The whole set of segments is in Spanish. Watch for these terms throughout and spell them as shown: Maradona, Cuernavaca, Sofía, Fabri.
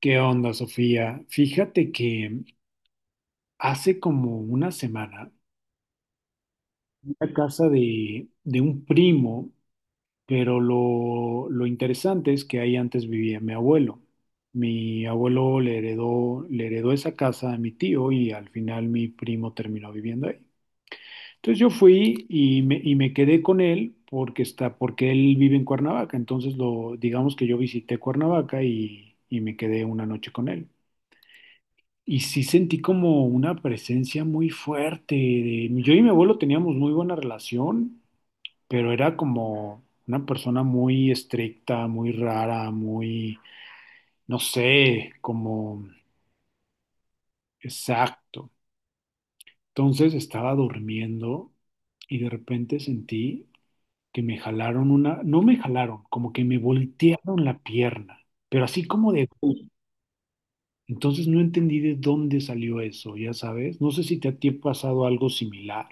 ¿Qué onda, Sofía? Fíjate que hace como una semana fui a casa de un primo, pero lo interesante es que ahí antes vivía mi abuelo. Mi abuelo le heredó esa casa a mi tío y al final mi primo terminó viviendo ahí. Entonces yo fui y me quedé con él porque él vive en Cuernavaca. Entonces digamos que yo visité Cuernavaca y me quedé una noche con él. Y sí sentí como una presencia muy fuerte. Yo y mi abuelo teníamos muy buena relación, pero era como una persona muy estricta, muy rara, muy, no sé, como. Exacto. Entonces estaba durmiendo y de repente sentí que me jalaron una, no me jalaron, como que me voltearon la pierna, pero así como de... Entonces no entendí de dónde salió eso, ya sabes. No sé si te ha pasado algo similar.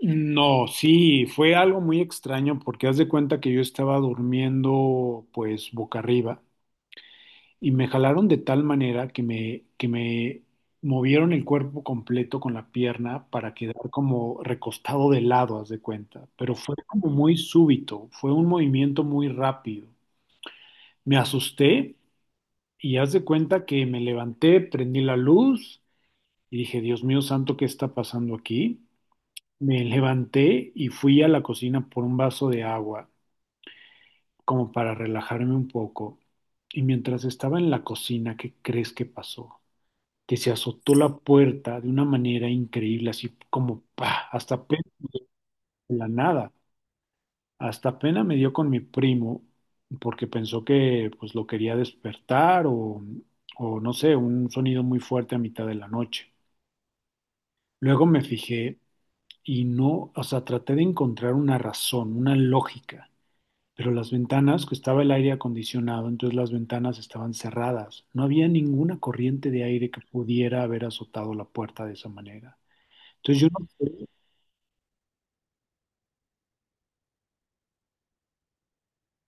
No, sí, fue algo muy extraño porque haz de cuenta que yo estaba durmiendo pues boca arriba y me jalaron de tal manera que me movieron el cuerpo completo con la pierna para quedar como recostado de lado, haz de cuenta, pero fue como muy súbito, fue un movimiento muy rápido. Me asusté y haz de cuenta que me levanté, prendí la luz y dije, Dios mío santo, ¿qué está pasando aquí? Me levanté y fui a la cocina por un vaso de agua, como para relajarme un poco. Y mientras estaba en la cocina, ¿qué crees que pasó? Que se azotó la puerta de una manera increíble, así como ¡pa! Hasta pena de la nada. Hasta pena me dio con mi primo, porque pensó que pues lo quería despertar o no sé, un sonido muy fuerte a mitad de la noche. Luego me fijé y no, o sea, traté de encontrar una razón, una lógica. Pero las ventanas, que estaba el aire acondicionado, entonces las ventanas estaban cerradas. No había ninguna corriente de aire que pudiera haber azotado la puerta de esa manera. Entonces yo no sé,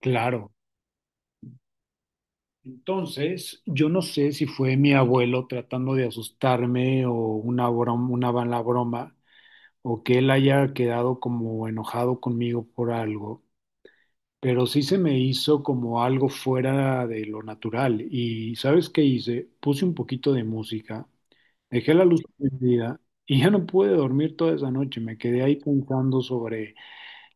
claro, entonces yo no sé si fue mi abuelo tratando de asustarme o una broma, una mala broma, o que él haya quedado como enojado conmigo por algo, pero sí se me hizo como algo fuera de lo natural. Y ¿sabes qué hice? Puse un poquito de música. Dejé la luz prendida y ya no pude dormir toda esa noche. Me quedé ahí pensando sobre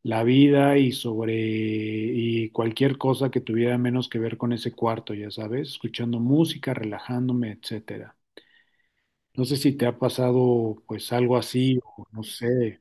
la vida y sobre y cualquier cosa que tuviera menos que ver con ese cuarto, ya sabes, escuchando música, relajándome, etcétera. No sé si te ha pasado pues algo así o no sé.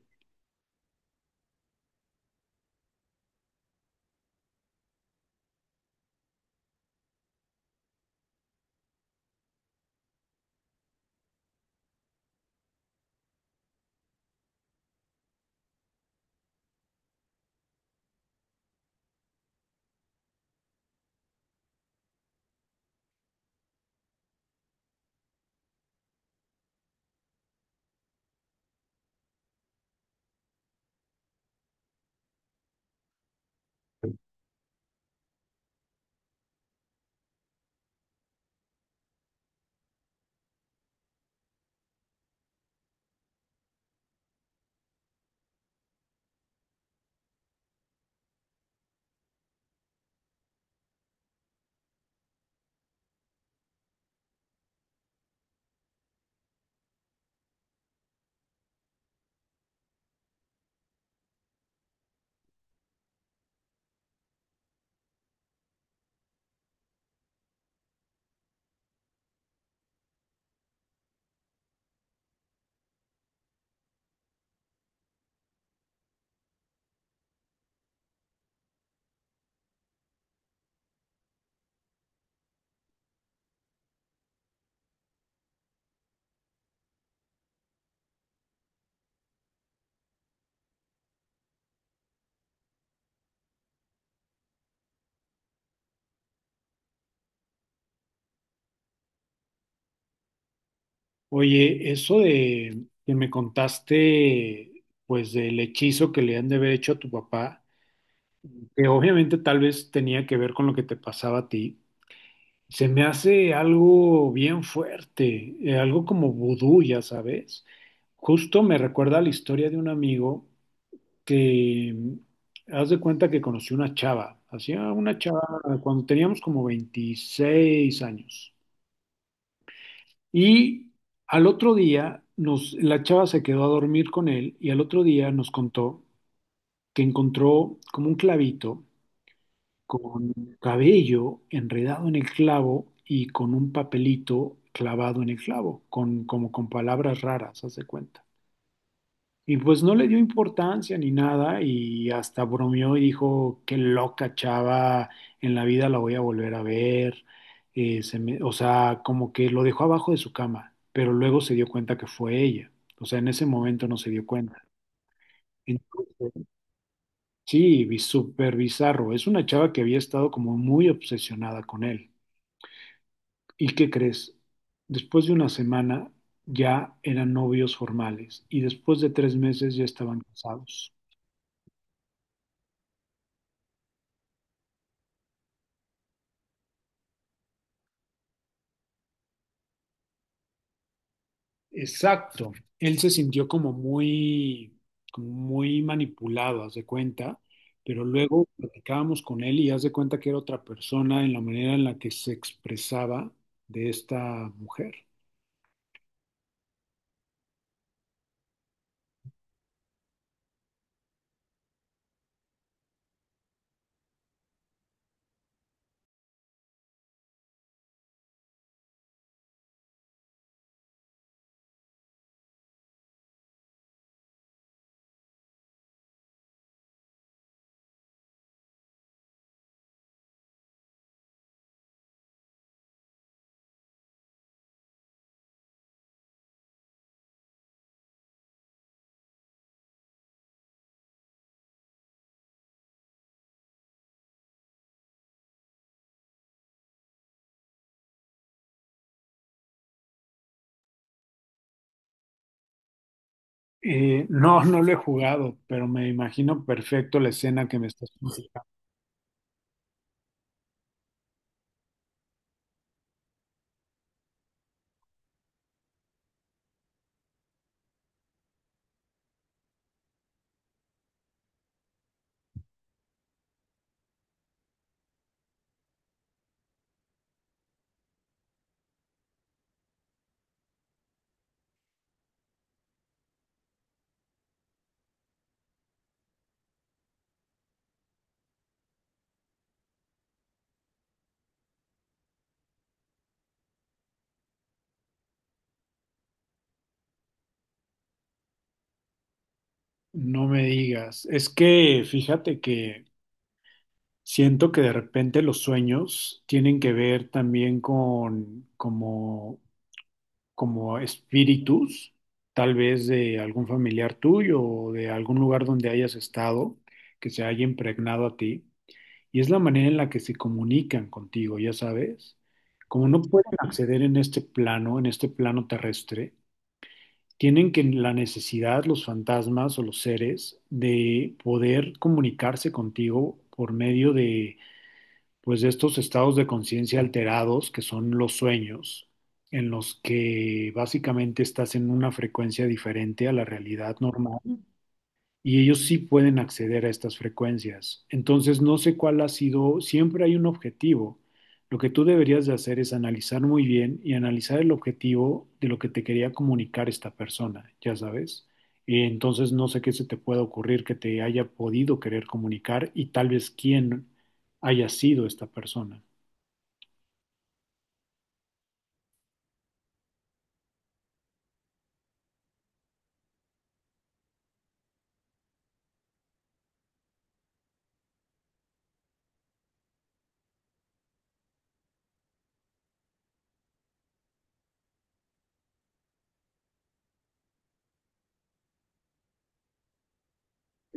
Oye, eso de que me contaste pues del hechizo que le han de haber hecho a tu papá, que obviamente tal vez tenía que ver con lo que te pasaba a ti. Se me hace algo bien fuerte, algo como vudú, ya sabes. Justo me recuerda la historia de un amigo que, haz de cuenta que hacía una chava cuando teníamos como 26 años. Y al otro día, nos, la chava se quedó a dormir con él y al otro día nos contó que encontró como un clavito con cabello enredado en el clavo y con un papelito clavado en el clavo, con, como con palabras raras, haz de cuenta. Y pues no le dio importancia ni nada y hasta bromeó y dijo, qué loca chava, en la vida la voy a volver a ver. O sea, como que lo dejó abajo de su cama, pero luego se dio cuenta que fue ella. O sea, en ese momento no se dio cuenta. Entonces, sí, súper bizarro. Es una chava que había estado como muy obsesionada con él. ¿Y qué crees? Después de una semana ya eran novios formales y después de 3 meses ya estaban casados. Exacto. Él se sintió como muy, manipulado, haz de cuenta, pero luego platicábamos con él y haz de cuenta que era otra persona en la manera en la que se expresaba de esta mujer. No, no lo he jugado, pero me imagino perfecto la escena que me estás platicando. No me digas. Es que fíjate que siento que de repente los sueños tienen que ver también con como, como espíritus, tal vez de algún familiar tuyo o de algún lugar donde hayas estado, que se haya impregnado a ti. Y es la manera en la que se comunican contigo, ya sabes. Como no pueden acceder en este plano terrestre, tienen que la necesidad, los fantasmas o los seres, de poder comunicarse contigo por medio de pues de estos estados de conciencia alterados, que son los sueños, en los que básicamente estás en una frecuencia diferente a la realidad normal y ellos sí pueden acceder a estas frecuencias. Entonces, no sé cuál ha sido, siempre hay un objetivo. Lo que tú deberías de hacer es analizar muy bien y analizar el objetivo de lo que te quería comunicar esta persona, ya sabes. Y entonces, no sé qué se te pueda ocurrir que te haya podido querer comunicar y tal vez quién haya sido esta persona.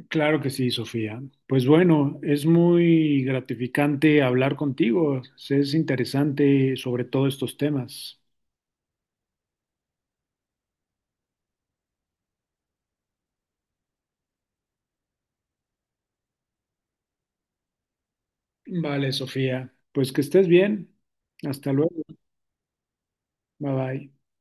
Claro que sí, Sofía. Pues bueno, es muy gratificante hablar contigo. Es interesante sobre todo estos temas. Vale, Sofía. Pues que estés bien. Hasta luego. Bye bye.